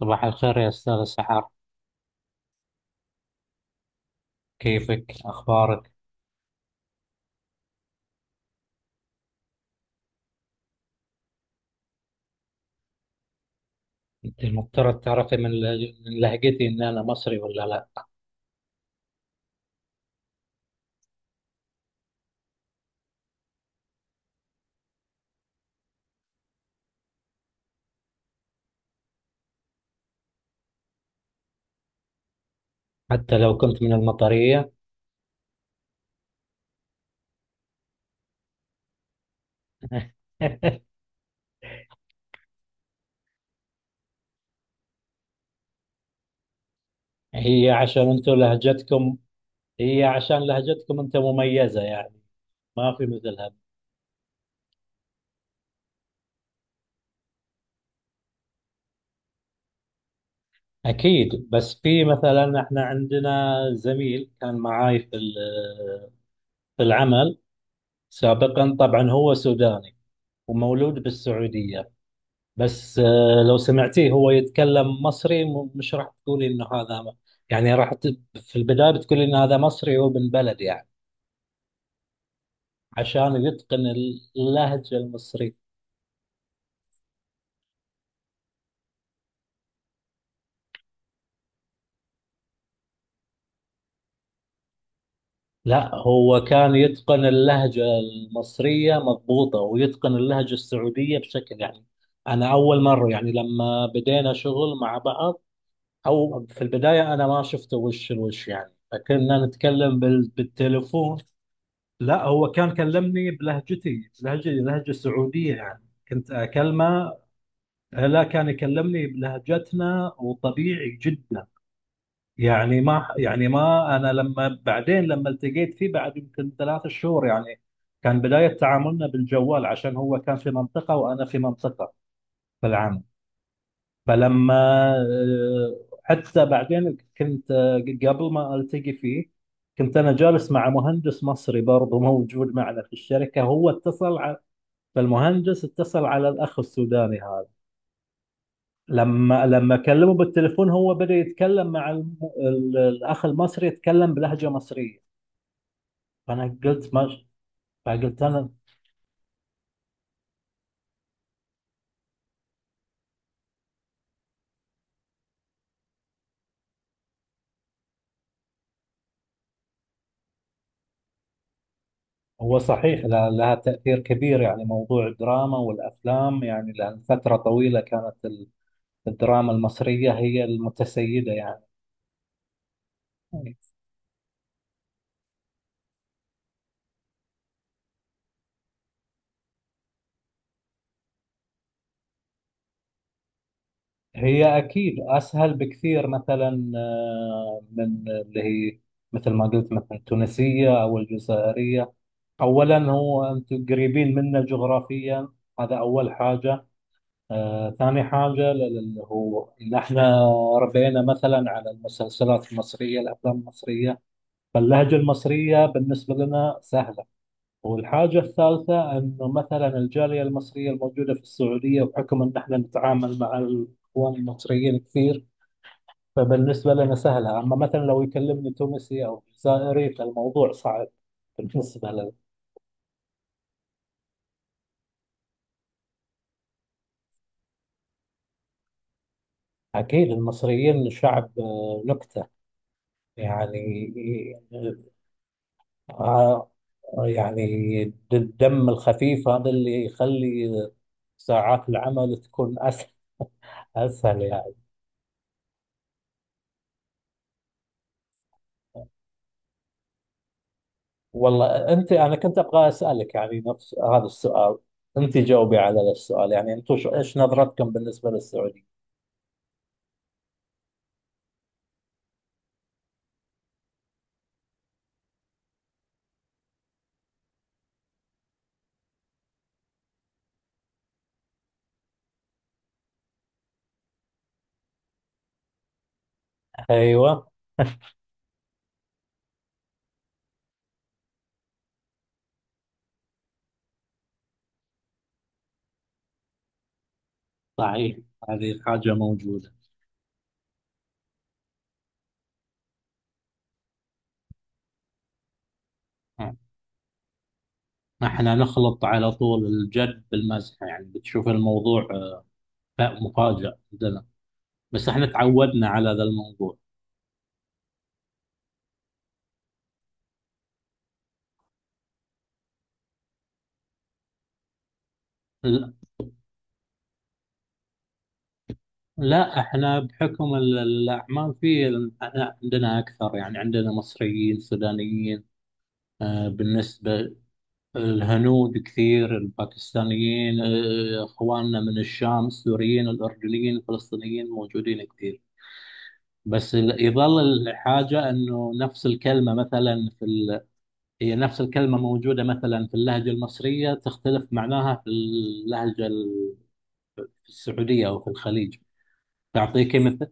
صباح الخير يا أستاذ السحار. كيفك؟ أخبارك؟ أنت المفترض تعرفي من لهجتي إن أنا مصري ولا لا. حتى لو كنت من المطرية. هي عشان أنتوا لهجتكم هي عشان لهجتكم أنت مميزة يعني. ما في مثلها. أكيد. بس في مثلا إحنا عندنا زميل كان معاي في العمل سابقا. طبعا هو سوداني ومولود بالسعودية. بس لو سمعتيه هو يتكلم مصري مش راح تقولي انه هذا. يعني في البداية بتقولي ان هذا مصري هو من بلد يعني. عشان يتقن اللهجة المصرية. لا، هو كان يتقن اللهجة المصرية مضبوطة ويتقن اللهجة السعودية بشكل يعني. انا اول مرة يعني لما بدينا شغل مع بعض، او في البداية انا ما شفته وش الوش يعني فكنا نتكلم بالتليفون. لا هو كان كلمني بلهجتي، بلهجة سعودية يعني. كنت أكلمه. لا كان يكلمني بلهجتنا وطبيعي جدا يعني، ما يعني ما أنا لما بعدين لما التقيت فيه بعد يمكن 3 شهور يعني. كان بداية تعاملنا بالجوال عشان هو كان في منطقة وأنا في منطقة في العام. فلما آه، حتى بعدين كنت، قبل ما ألتقي فيه، كنت انا جالس مع مهندس مصري برضه موجود معنا في الشركه. هو اتصل، فالمهندس اتصل على الأخ السوداني هذا. لما كلمه بالتليفون هو بدأ يتكلم مع الأخ المصري، يتكلم بلهجة مصرية. فأنا قلت ما. فقلت أنا. هو صحيح لها تأثير كبير يعني، موضوع الدراما والأفلام يعني، لأن فترة طويلة كانت الدراما المصرية هي المتسيدة يعني. هي أكيد أسهل بكثير مثلا، من اللي هي مثل ما قلت مثلا التونسية أو الجزائرية. أولا هو أنتم قريبين منا جغرافيا، هذا أول حاجة. ثاني حاجة، هو إن إحنا ربينا مثلا على المسلسلات المصرية، الأفلام المصرية. فاللهجة المصرية بالنسبة لنا سهلة. والحاجة الثالثة أنه مثلا الجالية المصرية الموجودة في السعودية، بحكم أن إحنا نتعامل مع الإخوان المصريين كثير، فبالنسبة لنا سهلة. أما مثلا لو يكلمني تونسي أو جزائري فالموضوع صعب بالنسبة لنا. أكيد المصريين شعب نكتة يعني. آه، يعني الدم الخفيف هذا اللي يخلي ساعات العمل تكون أسهل، أسهل يعني. والله أنت، أنا كنت أبغى أسألك يعني نفس هذا السؤال. أنت جاوبي على السؤال يعني. أنتم إيش نظرتكم بالنسبة للسعودية؟ أيوه. صحيح، هذه الحاجة موجودة. آه. احنا نخلط على طول الجد بالمزح يعني، بتشوف الموضوع مفاجأ. بس احنا تعودنا على ذا الموضوع. لا، لا، احنا بحكم الاعمال في، احنا عندنا اكثر يعني، عندنا مصريين، سودانيين، بالنسبه الهنود كثير، الباكستانيين، اخواننا من الشام، السوريين، الاردنيين، الفلسطينيين موجودين كثير. بس يظل الحاجه انه نفس الكلمه مثلا في هي نفس الكلمه موجوده مثلا في اللهجه المصريه تختلف معناها في في السعوديه او في الخليج. تعطيكي مثل.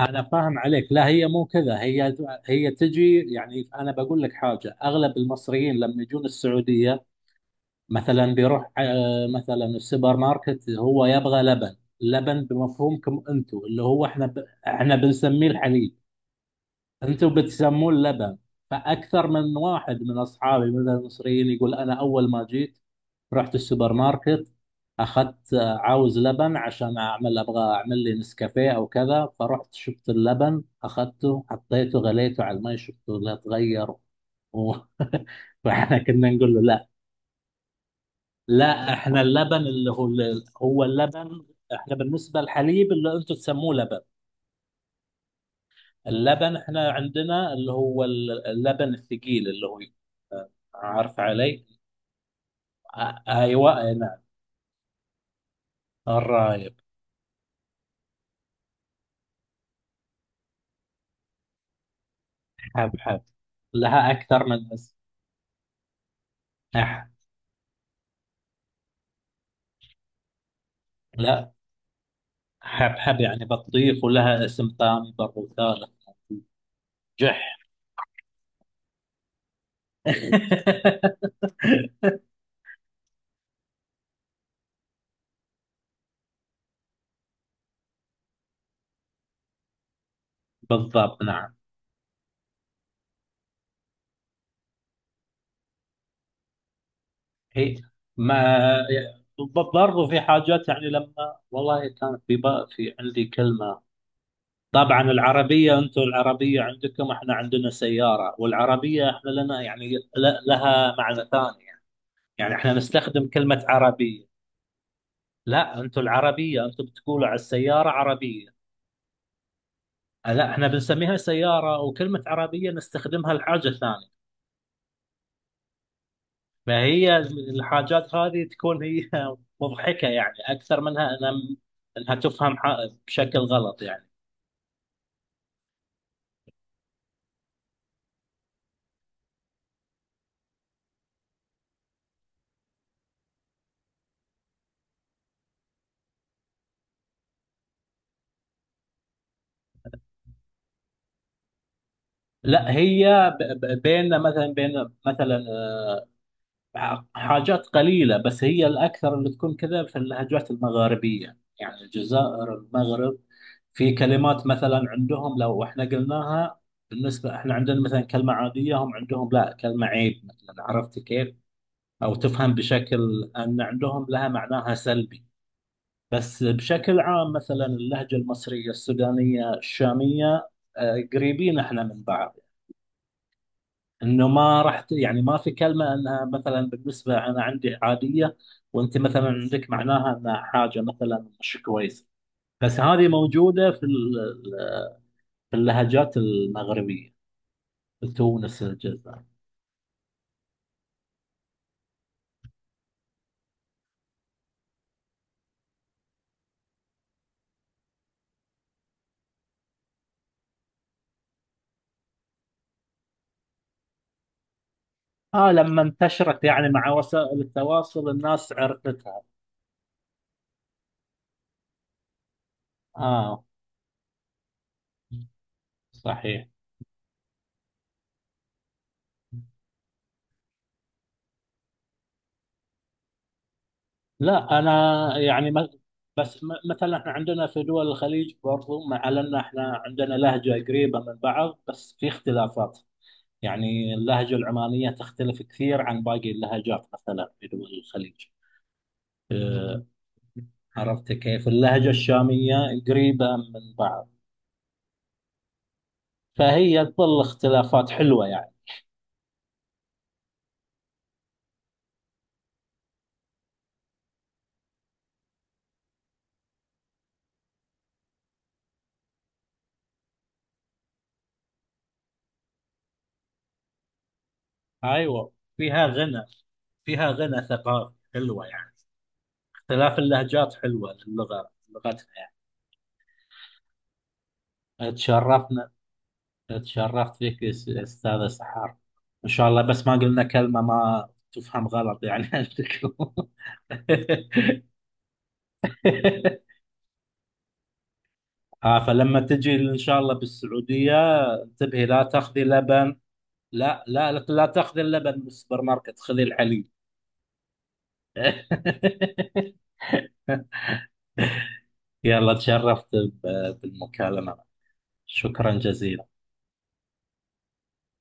انا فاهم عليك. لا هي مو كذا. هي تجي يعني، انا بقول لك حاجه: اغلب المصريين لما يجون السعوديه مثلا، بيروح مثلا السوبر ماركت، هو يبغى لبن. لبن بمفهومكم انتم اللي هو احنا بنسميه الحليب. انتم بتسموه اللبن. فاكثر من واحد من اصحابي مثلا المصريين يقول: انا اول ما جيت رحت السوبر ماركت اخذت، عاوز لبن عشان ابغى اعمل لي نسكافيه او كذا، فرحت شفت اللبن اخذته حطيته غليته على المي شفته لا تغير و... فاحنا كنا نقول له لا. لا، احنا اللبن اللي هو، هو اللبن. احنا بالنسبه للحليب اللي انتم تسموه لبن، اللبن احنا عندنا اللي هو اللبن الثقيل اللي هو، عارف علي. ايوه، أي نعم. الرايب. حب حب، لها اكثر من اسم. أح- لا، حبحب يعني بطيخ، ولها اسم ثاني برضو، ثالث: جح. بالضبط نعم. هي ما برضو في حاجات يعني، لما والله كانت في بقى، في عندي كلمة. طبعا العربية، انتم العربية عندكم، احنا عندنا سيارة. والعربية احنا لنا يعني لها معنى ثاني يعني. يعني احنا نستخدم كلمة عربية. لا، انتم العربية انتم بتقولوا على السيارة عربية. لا، احنا بنسميها سيارة، وكلمة عربية نستخدمها لحاجة ثانية. ما هي الحاجات هذه تكون هي مضحكة يعني، أكثر منها أنا أنها تفهم بشكل غلط يعني. لا هي بيننا مثلا، بين مثلا حاجات قليلة. بس هي الأكثر اللي تكون كذا في اللهجات المغاربية، يعني الجزائر، المغرب. في كلمات مثلا عندهم لو احنا قلناها، بالنسبة احنا عندنا مثلا كلمة عادية، هم عندهم لا، كلمة عيب مثلا. عرفت كيف؟ أو تفهم بشكل أن عندهم لها معناها سلبي. بس بشكل عام، مثلا اللهجة المصرية، السودانية، الشامية، قريبين احنا من بعض، انه ما يعني ما في كلمة انها مثلا بالنسبة انا عندي عادية، وانت مثلا عندك معناها انها حاجة مثلا مش كويسة. بس هذه موجودة في اللهجات المغربية، في تونس، الجزائر. اه، لما انتشرت يعني مع وسائل التواصل الناس عرفتها. اه، صحيح. لا انا يعني بس مثلا احنا عندنا في دول الخليج برضو، مع ان احنا عندنا لهجه قريبه من بعض بس في اختلافات. يعني اللهجه العمانيه تختلف كثير عن باقي اللهجات مثلا في دول الخليج، آه، عرفت كيف. اللهجه الشاميه قريبه من بعض، فهي تظل اختلافات حلوه يعني. ايوه، فيها غنى. فيها غنى ثقافي حلوه يعني. اختلاف اللهجات حلوه لغتنا، يعني تشرفنا. تشرفت فيك أستاذ سحار. إن شاء الله، بس ما قلنا كلمة ما تفهم غلط يعني. أشكركم. آه، فلما تجي إن شاء الله بالسعودية انتبهي، لا تاخذي لبن. لا، لا، لا، لا تاخذي اللبن من السوبر ماركت، خذي الحليب. يلا، تشرفت بالمكالمة. شكرا جزيلا.